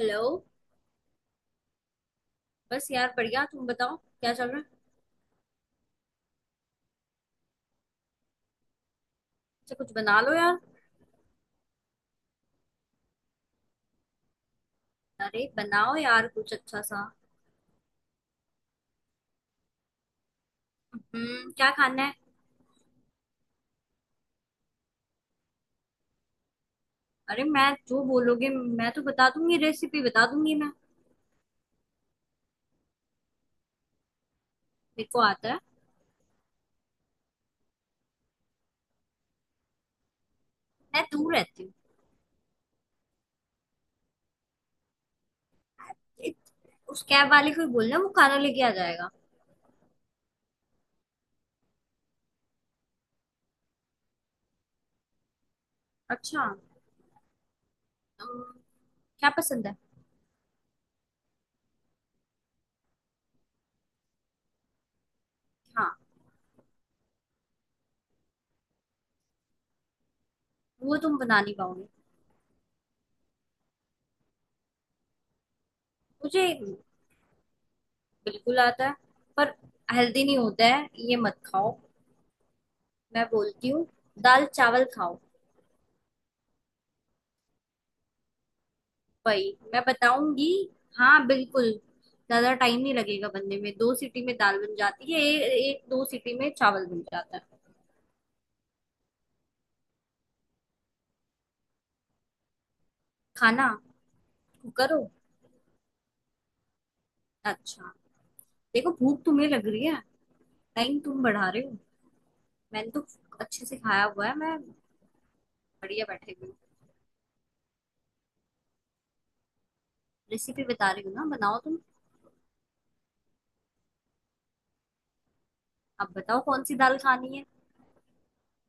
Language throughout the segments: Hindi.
हेलो। बस यार बढ़िया, तुम बताओ क्या चल रहा है। अच्छा, कुछ बना लो यार। अरे बनाओ यार कुछ अच्छा सा। हम्म, क्या खाना है? अरे मैं जो बोलोगे, मैं तो बता दूंगी, रेसिपी बता दूंगी मैं। मेरे को आता है। मैं दूर रहती हूँ। इत- उस कैब वाले को ही बोलना, वो खाना लेके आ जाएगा। अच्छा। अम, क्या पसंद है? हाँ। वो तुम बना नहीं पाओगे। मुझे बिल्कुल आता है, पर हेल्दी नहीं होता है ये, मत खाओ। मैं बोलती हूँ दाल चावल खाओ। वही मैं बताऊंगी। हाँ बिल्कुल। ज्यादा टाइम नहीं लगेगा बनने में, दो सीटी में दाल बन जाती है, एक दो सीटी में चावल बन जाता है। खाना। कुकर हो? अच्छा। देखो भूख तुम्हें लग रही है, टाइम तुम बढ़ा रहे हो। मैंने तो अच्छे से खाया हुआ है, मैं बढ़िया बैठे हुई हूँ। रेसिपी बता रही हूँ ना, बनाओ तुम। अब बताओ कौन सी दाल खानी है।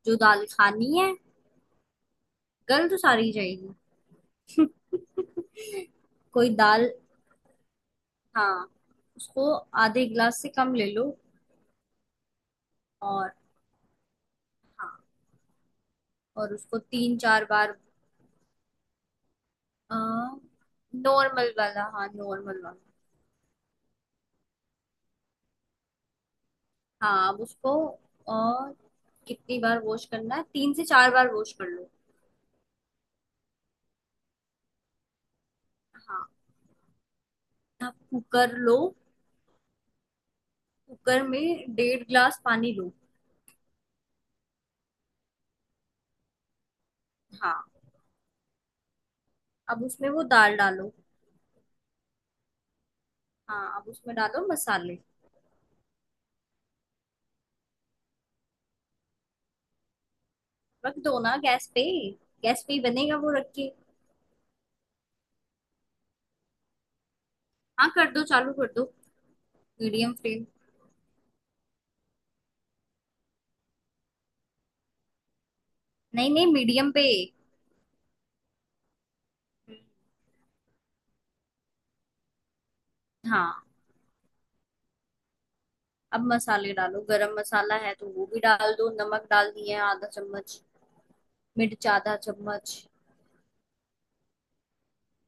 जो दाल खानी है। गल तो सारी जाएगी। कोई दाल। हाँ। उसको आधे गिलास से कम ले लो। और। हाँ और उसको तीन चार बार। नॉर्मल वाला, हाँ नॉर्मल वाला। हाँ अब उसको। और कितनी बार वॉश करना है, तीन से चार बार वॉश कर लो। हाँ अब कुकर लो। कुकर में डेढ़ ग्लास पानी लो। हाँ अब उसमें वो दाल डालो। हाँ अब उसमें डालो मसाले। रख दो ना गैस पे, गैस पे ही बनेगा वो, रख के। हाँ, कर दो, चालू कर दो। Medium flame. नहीं नहीं, मीडियम पे। हाँ अब मसाले डालो, गरम मसाला है तो वो भी डाल दो, नमक डाल दिए आधा चम्मच, मिर्च आधा चम्मच।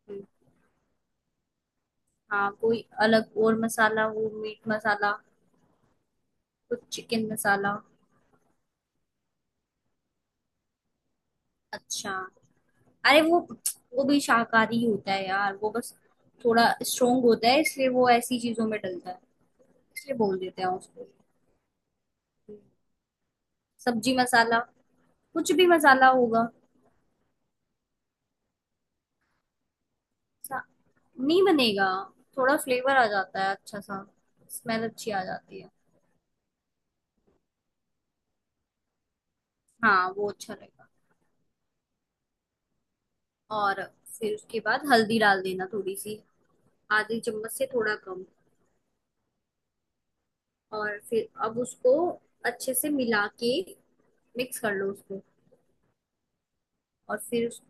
हम्म। हाँ कोई अलग और मसाला, वो मीट मसाला, कुछ चिकन मसाला। अच्छा। अरे वो भी शाकाहारी होता है यार, वो बस थोड़ा स्ट्रोंग होता है इसलिए वो ऐसी चीजों में डलता है, इसलिए बोल देते हैं उसको। हम्म, सब्जी मसाला। कुछ भी मसाला होगा। सा- नहीं बनेगा। थोड़ा फ्लेवर आ जाता है अच्छा सा, स्मेल अच्छी आ जाती है। हाँ वो अच्छा लगेगा। और फिर उसके बाद हल्दी डाल देना थोड़ी सी, आधी चम्मच से थोड़ा कम। और फिर अब उसको अच्छे से मिला के मिक्स कर लो उसको। और फिर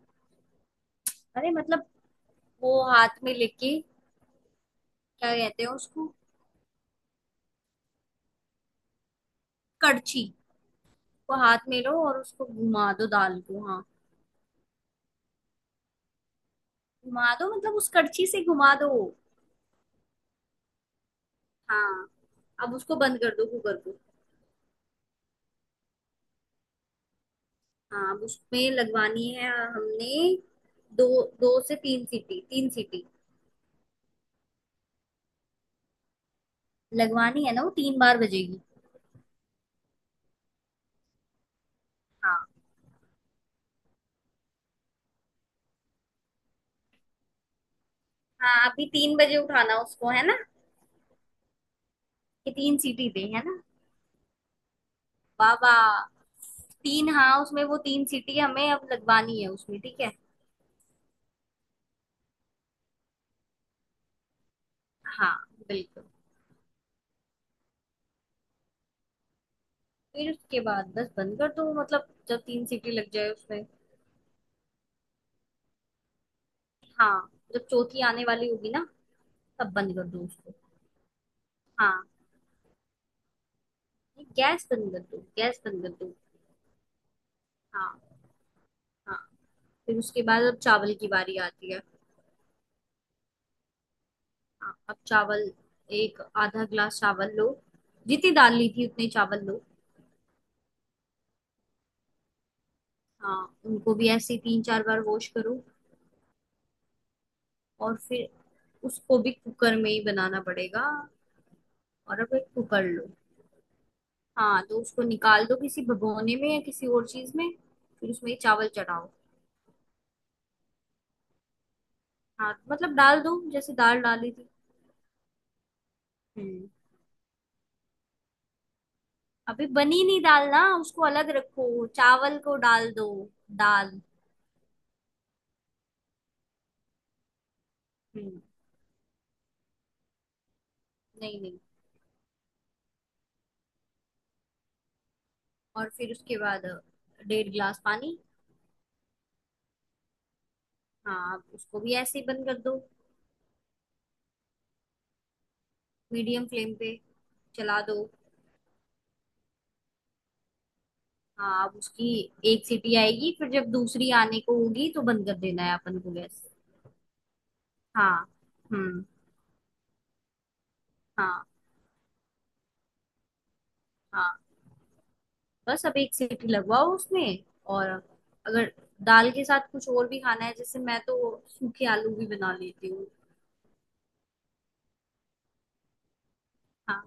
अरे मतलब वो हाथ में लेके, क्या कहते हैं उसको, कड़छी को हाथ में लो और उसको घुमा दो दाल को, हाँ। घुमा दो मतलब उस कड़छी से घुमा दो। हाँ अब उसको बंद कर दो, कुकर को। हाँ अब उसमें लगवानी है हमने दो, दो से तीन सीटी, तीन सीटी। लगवानी है ना, वो तीन बार बजेगी। हाँ। हाँ अभी तीन बजे उठाना उसको है ना, कि तीन सीटी दे, है ना। बाबा तीन, हाँ उसमें वो तीन सीटी हमें अब लगवानी है उसमें, ठीक है। हाँ बिल्कुल। फिर उसके बाद बस बंद कर दो, मतलब जब तीन सीटी लग जाए उसमें। हाँ जब चौथी आने वाली होगी ना, तब बंद कर दो उसको। हाँ, गैस बंद कर दो, गैस बंद कर दो। हाँ। हाँ फिर उसके बाद अब चावल की बारी आती है। हाँ अब चावल, एक आधा ग्लास चावल लो, जितनी दाल ली थी उतने चावल लो। हाँ उनको भी ऐसे ही तीन चार बार वॉश करो। और फिर उसको भी कुकर में ही बनाना पड़ेगा। और अब एक कुकर लो। हाँ तो उसको निकाल दो किसी भगोने में या किसी और चीज में। फिर उसमें ये चावल चढ़ाओ। हाँ मतलब डाल दो जैसे दाल डाली थी। हम्म। अभी बनी नहीं दाल ना, उसको अलग रखो, चावल को डाल दो दाल। हम्म। नहीं नहीं। और फिर उसके बाद डेढ़ गिलास पानी। हाँ उसको भी ऐसे ही बंद कर दो। मीडियम फ्लेम पे चला दो। हाँ अब उसकी एक सीटी आएगी, फिर जब दूसरी आने को होगी तो बंद कर देना है अपन को गैस। हाँ। हम्म। हाँ। हाँ बस अब एक सीटी लगवाओ उसमें। और अगर दाल के साथ कुछ और भी खाना है, जैसे मैं तो सूखे आलू भी बना लेती हूँ। हाँ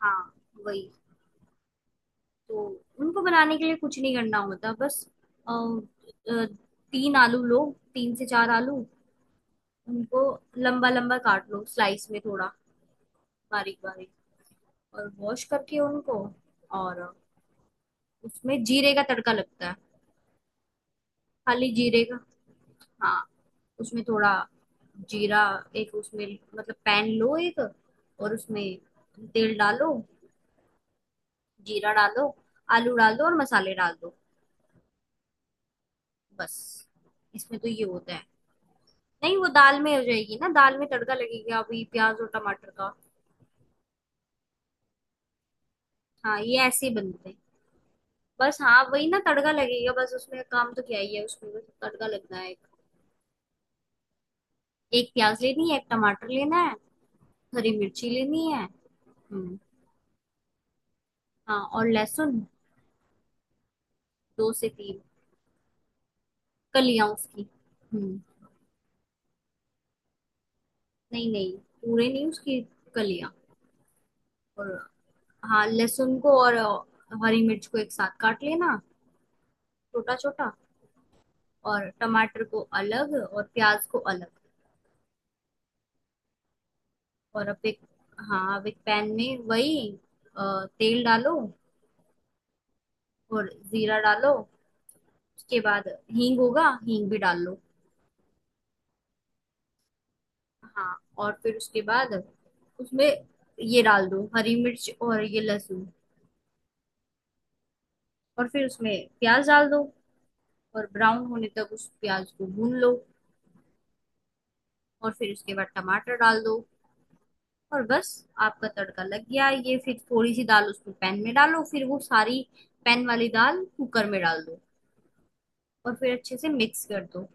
हाँ वही। तो उनको बनाने के लिए कुछ नहीं करना होता बस। अ, अ, तीन आलू लो, तीन से चार आलू। उनको लंबा लंबा काट लो स्लाइस में, थोड़ा बारीक बारीक। और वॉश करके उनको। और उसमें जीरे का तड़का लगता है, खाली जीरे का। हाँ उसमें थोड़ा जीरा। एक उसमें, मतलब पैन लो एक, और उसमें तेल डालो, जीरा डालो, आलू डाल दो और मसाले डाल दो, बस। इसमें तो ये होता है। नहीं वो दाल में हो जाएगी ना, दाल में तड़का लगेगा अभी प्याज और टमाटर का। हाँ ये ऐसे ही बनते हैं। बस हाँ वही ना, तड़का लगेगा बस उसमें, काम तो क्या ही है उसमें, बस तड़का लगना है। एक, एक प्याज लेनी है, एक टमाटर लेना है। हरी मिर्ची लेनी है। हम्म। हाँ और लहसुन, दो से तीन कलियां उसकी। हम्म। नहीं नहीं, पूरे नहीं, उसकी कलियां। और हाँ लहसुन को और हरी मिर्च को एक साथ काट लेना, छोटा छोटा। और टमाटर को अलग और प्याज को अलग। और अब एक, हाँ अब एक पैन में वही, तेल डालो। और जीरा डालो। उसके बाद हींग होगा, हींग भी डाल लो। हाँ और फिर उसके बाद उसमें ये डाल दो, हरी मिर्च और ये लहसुन। और फिर उसमें प्याज डाल दो, और ब्राउन होने तक उस प्याज को भून लो। और फिर उसके बाद टमाटर डाल दो। और बस आपका तड़का लग गया, ये फिर थोड़ी सी दाल उसमें पैन में डालो, फिर वो सारी पैन वाली दाल कुकर में डाल दो। और फिर अच्छे से मिक्स कर दो।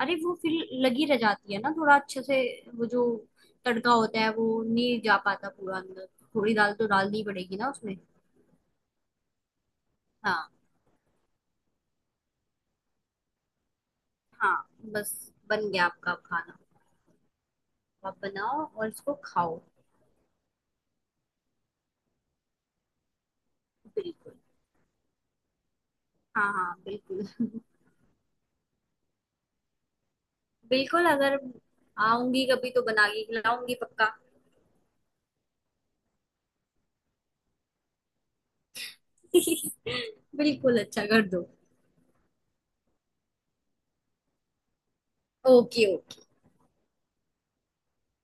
अरे वो फिर लगी रह जाती है ना थोड़ा अच्छे से, वो जो तड़का होता है वो नहीं जा पाता पूरा अंदर, थोड़ी दाल तो डालनी पड़ेगी ना उसमें। हाँ। हाँ बस, बन गया आपका खाना। आप बनाओ और इसको खाओ। बिल्कुल, हाँ हाँ बिल्कुल। बिल्कुल, अगर आऊंगी कभी तो बना के खिलाऊंगी पक्का। बिल्कुल, अच्छा कर दो। ओके।